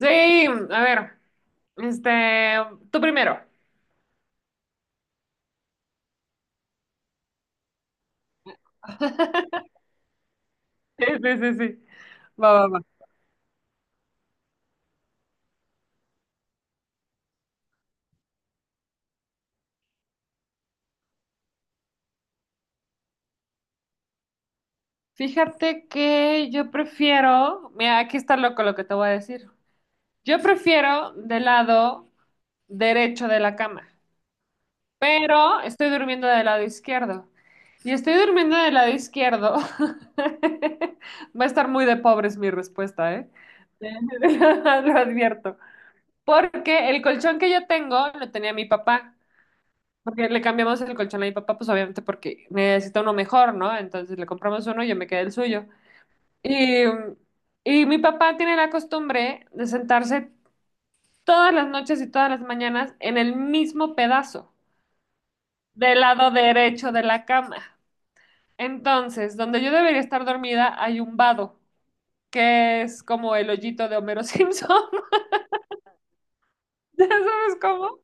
Sí, a ver, este, tú primero. Sí, sí, sí, sí. Va, va, va. Fíjate que yo prefiero, mira, aquí está loco lo que te voy a decir. Yo prefiero del lado derecho de la cama, pero estoy durmiendo del lado izquierdo. Y estoy durmiendo del lado izquierdo. Va a estar muy de pobres mi respuesta, ¿eh? Lo advierto. Porque el colchón que yo tengo lo tenía mi papá. Porque le cambiamos el colchón a mi papá, pues obviamente porque necesita uno mejor, ¿no? Entonces le compramos uno y yo me quedé el suyo. Y, y mi papá tiene la costumbre de sentarse todas las noches y todas las mañanas en el mismo pedazo, del lado derecho de la cama. Entonces, donde yo debería estar dormida hay un vado, que es como el hoyito de Homero Simpson. ¿Ya sabes cómo?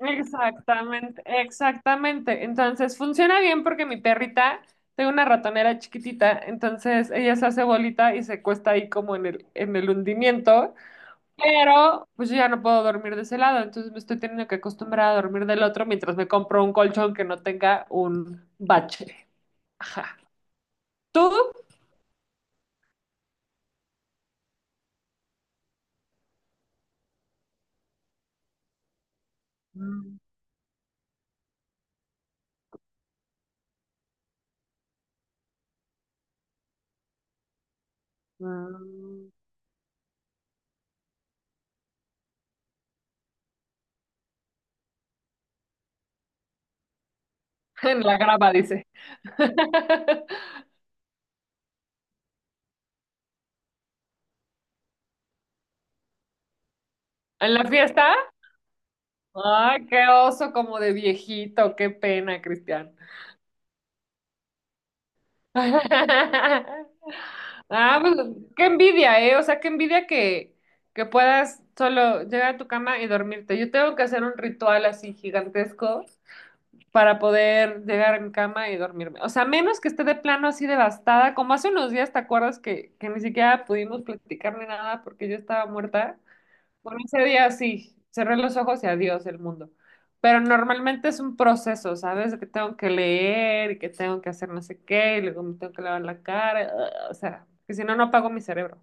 Exactamente, exactamente. Entonces funciona bien porque mi perrita, tengo una ratonera chiquitita, entonces ella se hace bolita y se cuesta ahí como en el hundimiento, pero pues yo ya no puedo dormir de ese lado, entonces me estoy teniendo que acostumbrar a dormir del otro mientras me compro un colchón que no tenga un bache. Ajá. ¿Tú? Mm, mm. En la grava, dice. ¿En la fiesta? Ay, qué oso como de viejito, qué pena, Cristian. Ah, pues qué envidia, ¿eh? O sea, qué envidia que puedas solo llegar a tu cama y dormirte. Yo tengo que hacer un ritual así gigantesco para poder llegar a mi cama y dormirme. O sea, menos que esté de plano así devastada, como hace unos días, ¿te acuerdas que ni siquiera pudimos platicar ni nada porque yo estaba muerta? Bueno, ese día sí, cerré los ojos y adiós el mundo. Pero normalmente es un proceso, ¿sabes? De que tengo que leer y que tengo que hacer no sé qué, y luego me tengo que lavar la cara, o sea, que si no, no apago mi cerebro.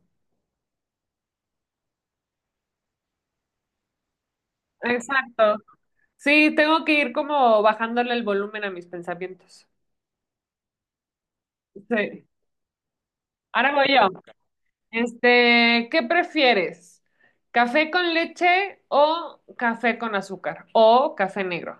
Exacto. Sí, tengo que ir como bajándole el volumen a mis pensamientos. Sí. Ahora voy yo. ¿Qué prefieres? ¿Café con leche o café con azúcar? O café negro.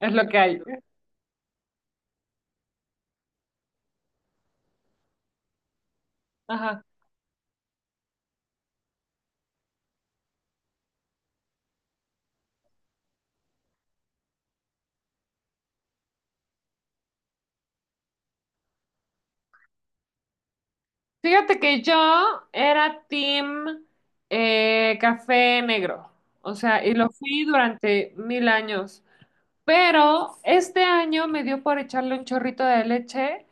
Es lo que hay. Ajá. Fíjate que yo era team café negro, o sea, y lo fui durante mil años, pero este año me dio por echarle un chorrito de leche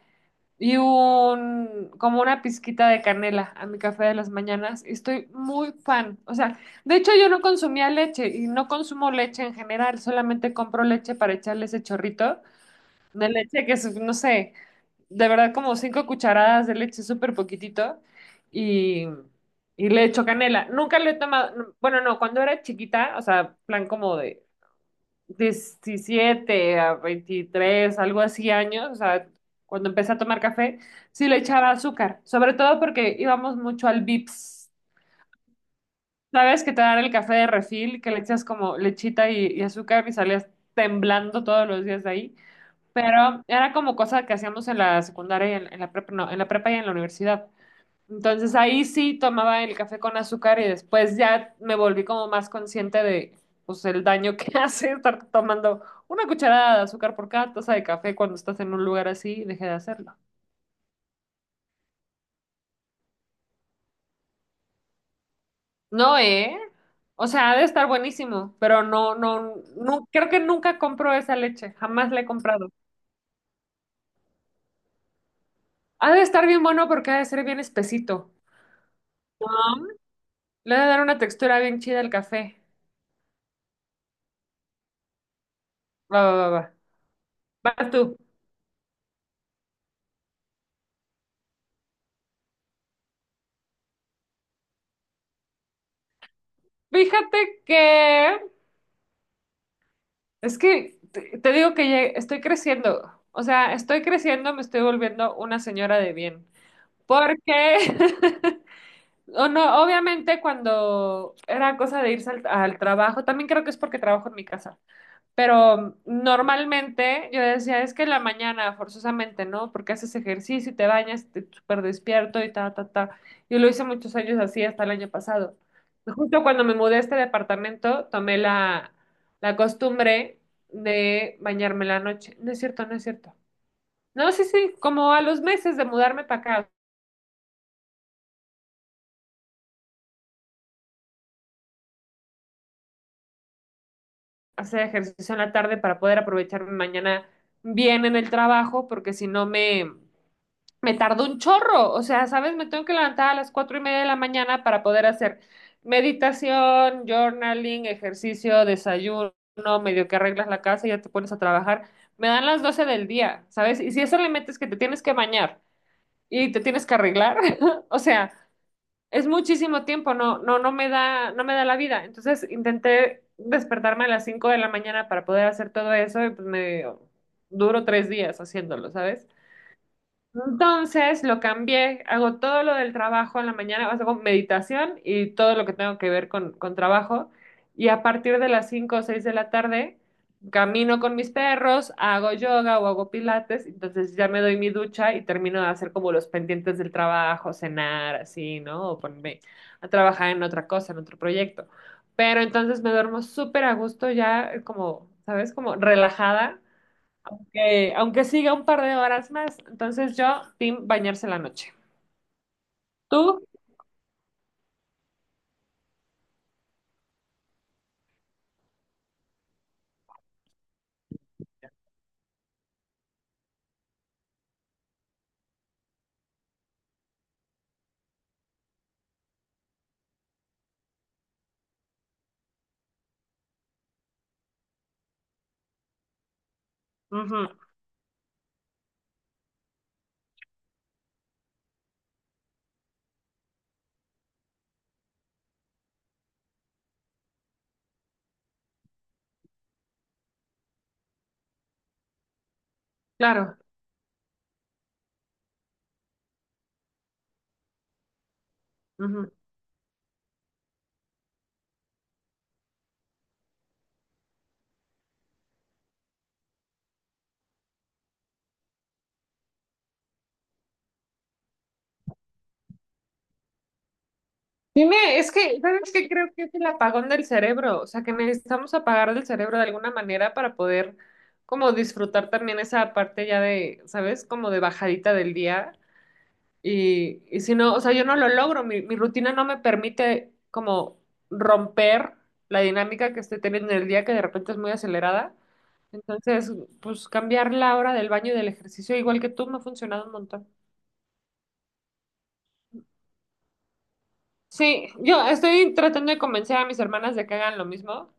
y como una pizquita de canela a mi café de las mañanas y estoy muy fan, o sea, de hecho yo no consumía leche y no consumo leche en general, solamente compro leche para echarle ese chorrito de leche que es, no sé de verdad como 5 cucharadas de leche, súper poquitito, y, y le echo canela. Nunca le he tomado, no, bueno, no, cuando era chiquita, o sea, plan como de 17 a 23 algo así años, o sea, cuando empecé a tomar café, sí le echaba azúcar, sobre todo porque íbamos mucho al Vips. ¿Sabes que te dan el café de refil, que le echas como lechita y azúcar y salías temblando todos los días de ahí? Pero era como cosa que hacíamos en la secundaria y en la prepa, no, en la prepa y en la universidad. Entonces ahí sí tomaba el café con azúcar y después ya me volví como más consciente de pues el daño que hace estar tomando una cucharada de azúcar por cada taza de café cuando estás en un lugar así y dejé de hacerlo. No, ¿eh? O sea, ha de estar buenísimo, pero no, no, no, creo que nunca compro esa leche, jamás la he comprado. Ha de estar bien bueno porque ha de ser bien espesito. Ah. Le ha de dar una textura bien chida al café. Va, va, va, va. Vas tú. Fíjate que es que te digo que ya estoy creciendo. O sea, estoy creciendo, me estoy volviendo una señora de bien. Porque, o no, obviamente cuando era cosa de irse al trabajo, también creo que es porque trabajo en mi casa. Pero normalmente yo decía, es que en la mañana, forzosamente, ¿no? Porque haces ejercicio y te bañas, te súper despierto y ta, ta, ta. Yo lo hice muchos años así hasta el año pasado. Justo cuando me mudé a este departamento, tomé la costumbre de bañarme en la noche. No es cierto, no es cierto. No, sí, sí, como a los meses de mudarme para acá, hacer ejercicio en la tarde para poder aprovecharme mañana bien en el trabajo, porque si no me Me tardó un chorro, o sea, ¿sabes? Me tengo que levantar a las 4:30 de la mañana para poder hacer meditación, journaling, ejercicio, desayuno, medio que arreglas la casa y ya te pones a trabajar. Me dan las 12 del día, ¿sabes? Y si eso le metes que te tienes que bañar y te tienes que arreglar, o sea, es muchísimo tiempo, no, no, no me da, no me da la vida. Entonces intenté despertarme a las 5 de la mañana para poder hacer todo eso y pues me duro 3 días haciéndolo, entonces lo cambié, hago todo lo del trabajo en la mañana, o sea, hago meditación y todo lo que tengo que ver con trabajo. Y a partir de las 5 o 6 de la tarde, camino con mis perros, hago yoga o hago pilates, entonces ya me doy mi ducha y termino de hacer como los pendientes del trabajo, cenar, así, ¿no? O ponerme a trabajar en otra cosa, en otro proyecto. Pero entonces me duermo súper a gusto ya, como, ¿sabes? Como relajada, aunque siga un par de horas más, entonces yo, team, bañarse en la noche. ¿Tú? Ujú, claro. Ujú. Dime, es que, ¿sabes qué? Creo que es el apagón del cerebro, o sea, que necesitamos apagar del cerebro de alguna manera para poder como disfrutar también esa parte ya de, ¿sabes? Como de bajadita del día. Y si no, o sea, yo no lo logro, mi rutina no me permite como romper la dinámica que estoy teniendo en el día, que de repente es muy acelerada. Entonces, pues cambiar la hora del baño y del ejercicio, igual que tú, me ha funcionado un montón. Sí, yo estoy tratando de convencer a mis hermanas de que hagan lo mismo,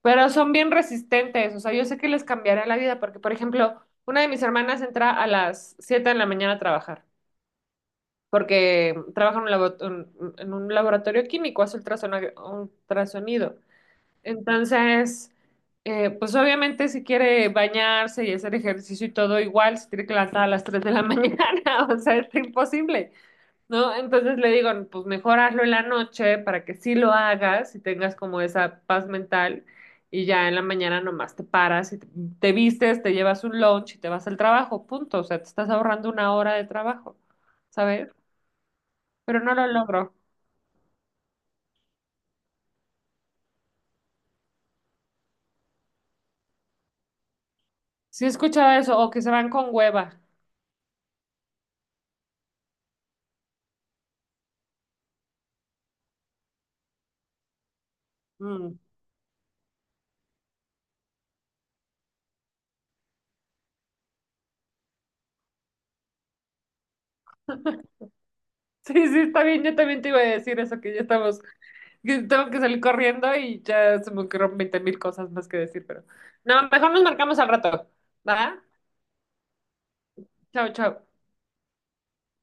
pero son bien resistentes, o sea, yo sé que les cambiará la vida, porque, por ejemplo, una de mis hermanas entra a las 7 de la mañana a trabajar. Porque trabaja en en un laboratorio químico, hace ultrasonido. Entonces, pues obviamente si quiere bañarse y hacer ejercicio y todo igual, se tiene que levantar a las 3 de la mañana, o sea, es imposible, ¿no? Entonces le digo, pues mejor hazlo en la noche para que sí lo hagas y tengas como esa paz mental. Y ya en la mañana nomás te paras y te vistes, te llevas un lunch y te vas al trabajo, punto. O sea, te estás ahorrando una hora de trabajo, ¿sabes? Pero no lo logro. Sí he escuchado eso, o que se van con hueva. Mm. Sí, sí, está bien, yo también te iba a decir eso, que ya estamos, que tengo que salir corriendo y ya se me ocurrieron 20,000 cosas más que decir, pero no, mejor nos marcamos al rato, ¿va? Chao, chao.